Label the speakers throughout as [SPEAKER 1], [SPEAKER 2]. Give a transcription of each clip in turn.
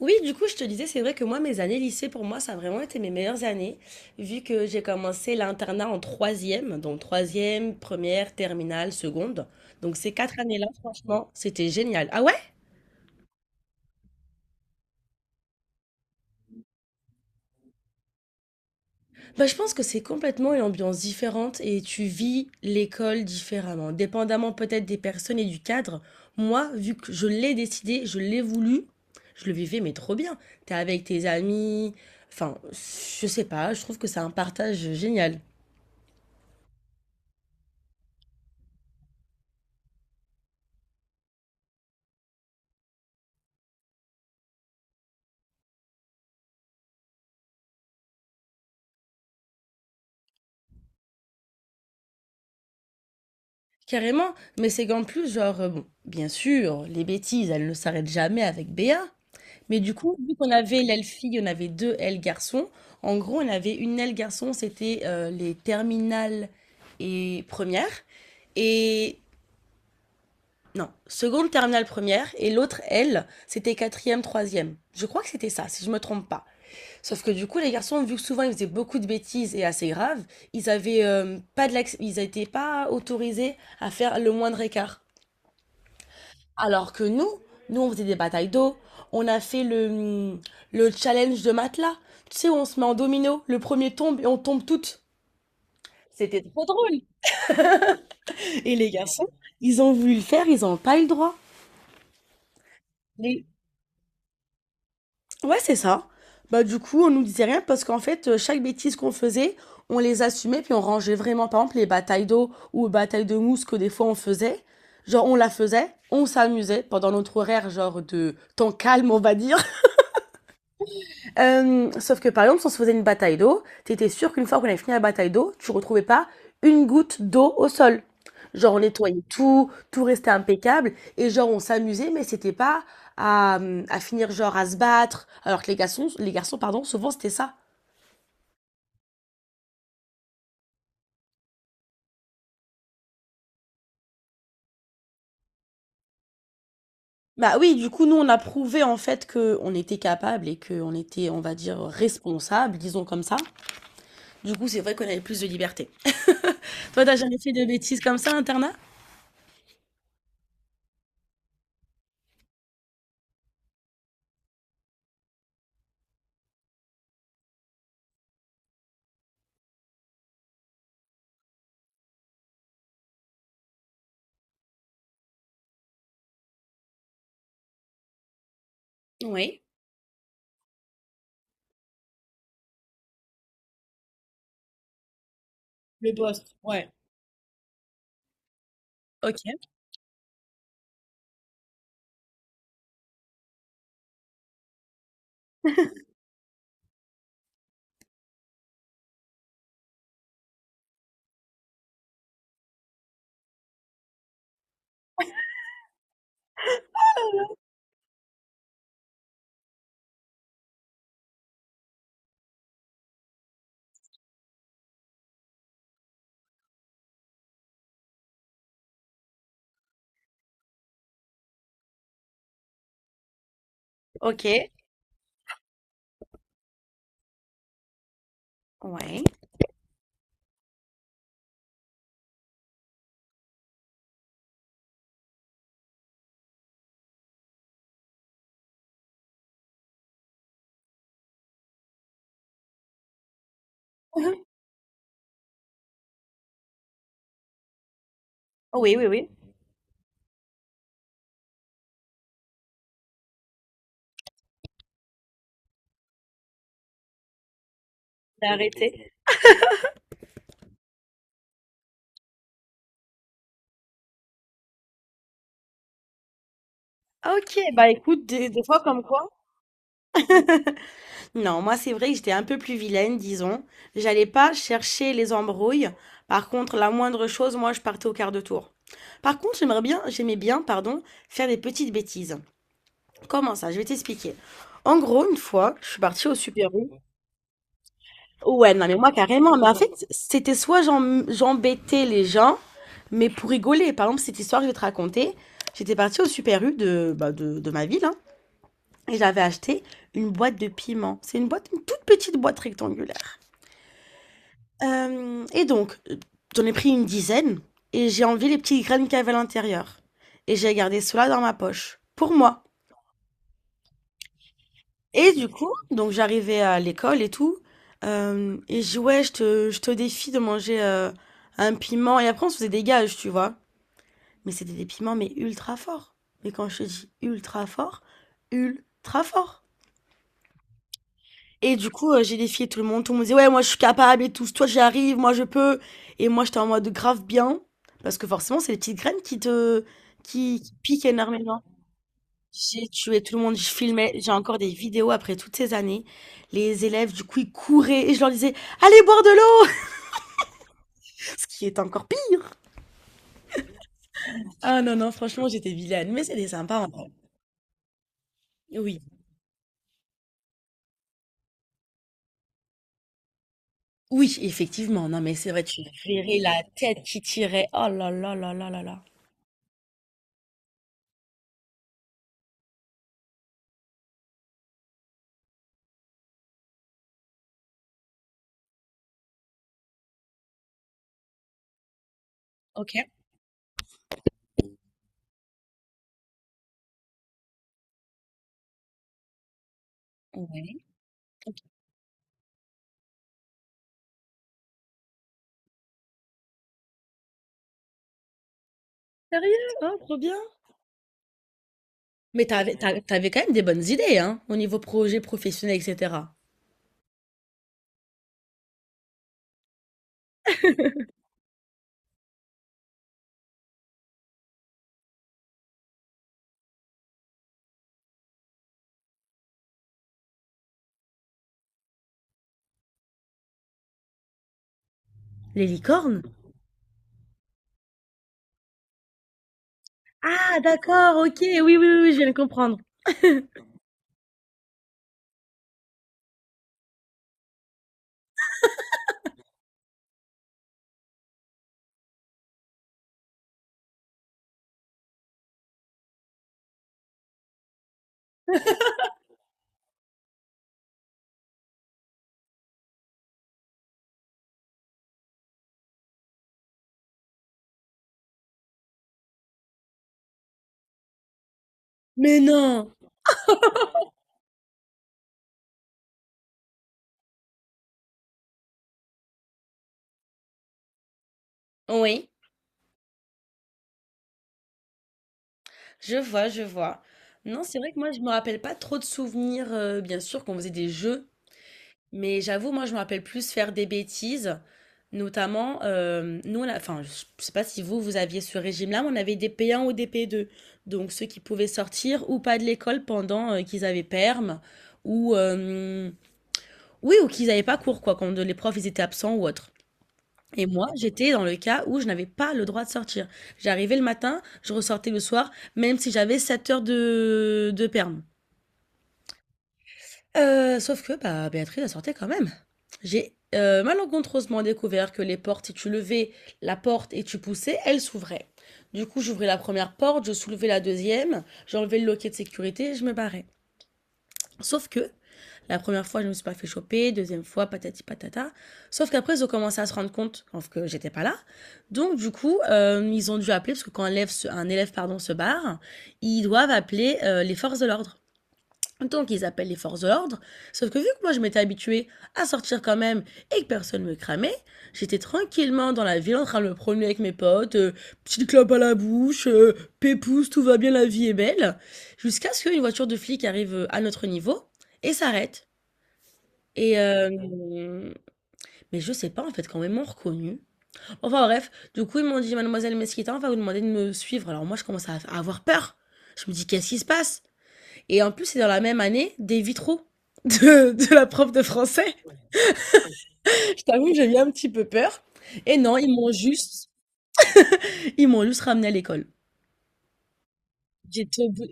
[SPEAKER 1] Oui, du coup, je te disais, c'est vrai que moi, mes années lycée, pour moi, ça a vraiment été mes meilleures années, vu que j'ai commencé l'internat en troisième, donc troisième, première, terminale, seconde. Donc ces quatre années-là, franchement, c'était génial. Ah ouais? Bah, je pense que c'est complètement une ambiance différente et tu vis l'école différemment, dépendamment peut-être des personnes et du cadre. Moi, vu que je l'ai décidé, je l'ai voulu, je le vivais, mais trop bien. T'es avec tes amis, enfin, je sais pas, je trouve que c'est un partage génial. Carrément, mais c'est qu'en plus, genre, bon, bien sûr, les bêtises, elles ne s'arrêtent jamais avec Béa. Mais du coup, vu qu'on avait l'aile fille, on avait deux ailes garçons. En gros, on avait une aile garçon, c'était les terminales et première. Et non, seconde, terminale, première. Et l'autre aile, c'était quatrième, troisième. Je crois que c'était ça, si je me trompe pas. Sauf que du coup, les garçons, vu que souvent ils faisaient beaucoup de bêtises et assez graves, ils avaient pas de l'acc- ils n'étaient pas autorisés à faire le moindre écart. Alors que nous, nous on faisait des batailles d'eau, on a fait le challenge de matelas. Tu sais, on se met en domino, le premier tombe et on tombe toutes. C'était trop drôle. Et les garçons, ils ont voulu le faire, ils n'ont pas eu le droit. Les- Ouais, c'est ça. Bah du coup, on nous disait rien parce qu'en fait, chaque bêtise qu'on faisait, on les assumait puis on rangeait vraiment. Par exemple, les batailles d'eau ou batailles de mousse que des fois on faisait, genre on la faisait, on s'amusait pendant notre horaire genre de temps calme, on va dire. Sauf que par exemple, si on se faisait une bataille d'eau, t'étais sûr qu'une fois qu'on avait fini la bataille d'eau, tu retrouvais pas une goutte d'eau au sol. Genre on nettoyait tout, tout restait impeccable et genre on s'amusait, mais c'était pas à finir genre à se battre. Alors que les garçons pardon, souvent c'était ça. Bah oui, du coup nous on a prouvé en fait que on était capable et que on était, on va dire, responsable, disons comme ça. Du coup c'est vrai qu'on avait plus de liberté. Toi t'as jamais fait de bêtises comme ça, internat? Oui. Le poste, ouais. Ok. OK, ouais. Mhm. Oui, oui, oui. J'ai arrêté. OK, bah écoute, des fois comme quoi. Non, moi c'est vrai que j'étais un peu plus vilaine, disons. J'allais pas chercher les embrouilles. Par contre, la moindre chose, moi je partais au quart de tour. Par contre, j'aimais bien, pardon, faire des petites bêtises. Comment ça? Je vais t'expliquer. En gros, une fois, je suis partie au Super U. Ouais, non, mais moi, carrément. Mais en fait, c'était soit j'embêtais les gens, mais pour rigoler. Par exemple, cette histoire que je vais te raconter, j'étais partie au Super U de, bah, de ma ville, hein, et j'avais acheté une boîte de piment. C'est une boîte, une toute petite boîte rectangulaire. Euh, et donc, euh, J'en ai pris une dizaine, et j'ai enlevé les petites graines qu'il y avait à l'intérieur. Et j'ai gardé cela dans ma poche. Pour moi. Et du coup, donc j'arrivais à l'école et tout, et je jouais, je te défie de manger un piment, et après on se faisait des gages, tu vois. Mais c'était des piments, mais ultra forts. Mais quand je te dis ultra fort, ultra fort. Et du coup, j'ai défié tout le monde disait, ouais, moi je suis capable et tout, toi j'y arrive, moi je peux. Et moi j'étais en mode grave bien, parce que forcément c'est les petites graines qui te, qui piquent énormément. J'ai tué tout le monde, je filmais, j'ai encore des vidéos après toutes ces années. Les élèves, du coup, ils couraient et je leur disais, allez boire de l'eau! Ce qui est encore pire. Ah non, non, franchement, j'étais vilaine, mais c'était sympa en vrai. Oui. Oui, effectivement. Non, mais c'est vrai, tu verrais la tête qui tirait. Oh là là là là là là. Ok. Ouais. Ok. Sérieux? Hein, trop bien. Mais t'avais, t'avais quand même des bonnes idées, hein, au niveau projet professionnel, etc. Les licornes? Ah, d'accord, ok, oui, oui, oui, oui, je viens de comprendre. Mais non! Oui. Je vois, je vois. Non, c'est vrai que moi, je me rappelle pas trop de souvenirs, bien sûr, qu'on faisait des jeux, mais j'avoue, moi, je me rappelle plus faire des bêtises. Notamment, nous, enfin, je sais pas si vous, vous aviez ce régime-là, mais on avait des P1 ou des P2. Donc, ceux qui pouvaient sortir ou pas de l'école pendant qu'ils avaient perm, ou, euh, oui, ou qu'ils n'avaient pas cours, quoi, quand les profs, ils étaient absents ou autre. Et moi, j'étais dans le cas où je n'avais pas le droit de sortir. J'arrivais le matin, je ressortais le soir, même si j'avais 7 heures de perm. Sauf que bah, Béatrice, elle sortait quand même. J'ai malencontreusement découvert que les portes, si tu levais la porte et tu poussais, elles s'ouvraient. Du coup, j'ouvrais la première porte, je soulevais la deuxième, j'enlevais le loquet de sécurité et je me barrais. Sauf que la première fois, je ne me suis pas fait choper, deuxième fois, patati patata. Sauf qu'après, ils ont commencé à se rendre compte sauf que j'étais pas là. Donc, du coup, ils ont dû appeler, parce que quand un élève pardon, se barre, ils doivent appeler les forces de l'ordre. Donc, ils appellent les forces de l'ordre. Sauf que vu que moi, je m'étais habituée à sortir quand même et que personne me cramait, j'étais tranquillement dans la ville en train de me promener avec mes potes, petite clope à la bouche, pépouze, tout va bien, la vie est belle. Jusqu'à ce qu'une voiture de flic arrive à notre niveau et s'arrête. Et mais je sais pas en fait, quand même m'ont reconnue, enfin bref, du coup ils m'ont dit: «Mademoiselle Mesquita, on va vous demander de me suivre». Alors moi je commence à avoir peur. Je me dis: «Qu'est-ce qui se passe?» Et en plus c'est dans la même année des vitraux de la prof de français. Je t'avoue que j'ai eu un petit peu peur et non, ils m'ont juste ramené à l'école. J'étais au bout.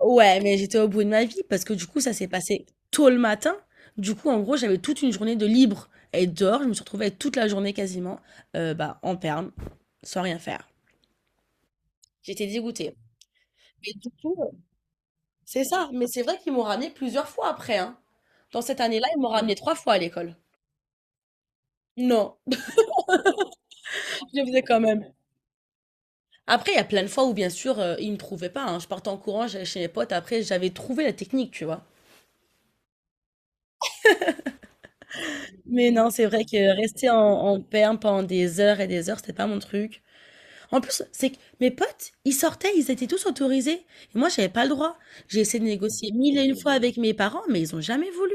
[SPEAKER 1] Ouais, mais j'étais au bout de ma vie parce que du coup, ça s'est passé tôt le matin. Du coup, en gros, j'avais toute une journée de libre à être dehors. Je me suis retrouvée toute la journée quasiment bah, en perme, sans rien faire. J'étais dégoûtée. Et du coup, c'est ça. Mais c'est vrai qu'ils m'ont ramené plusieurs fois après, hein. Dans cette année-là, ils m'ont ramené 3 fois à l'école. Non, je le faisais quand même. Après, il y a plein de fois où, bien sûr, ils me trouvaient pas, hein. Je partais en courant, j'allais chez mes potes. Après, j'avais trouvé la technique, tu vois. Mais non, c'est vrai que rester en perme pendant des heures et des heures, c'était pas mon truc. En plus, c'est que mes potes, ils sortaient, ils étaient tous autorisés. Et moi, j'avais pas le droit. J'ai essayé de négocier mille et une fois avec mes parents, mais ils ont jamais voulu.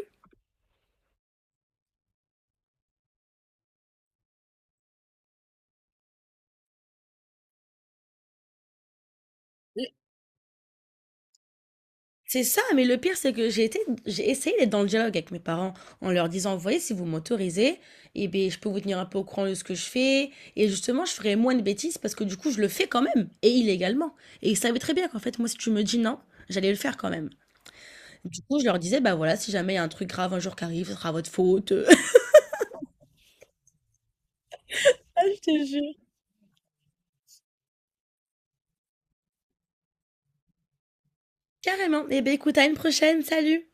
[SPEAKER 1] C'est ça, mais le pire, c'est que j'ai essayé d'être dans le dialogue avec mes parents en leur disant, vous voyez, si vous m'autorisez, eh bien, je peux vous tenir un peu au courant de ce que je fais. Et justement, je ferai moins de bêtises parce que du coup, je le fais quand même, et illégalement. Et ils savaient très bien qu'en fait, moi, si tu me dis non, j'allais le faire quand même. Du coup, je leur disais, bah voilà, si jamais il y a un truc grave un jour qui arrive, ce sera votre faute. Ah, je te jure. Carrément. Eh bien, écoute, à une prochaine. Salut.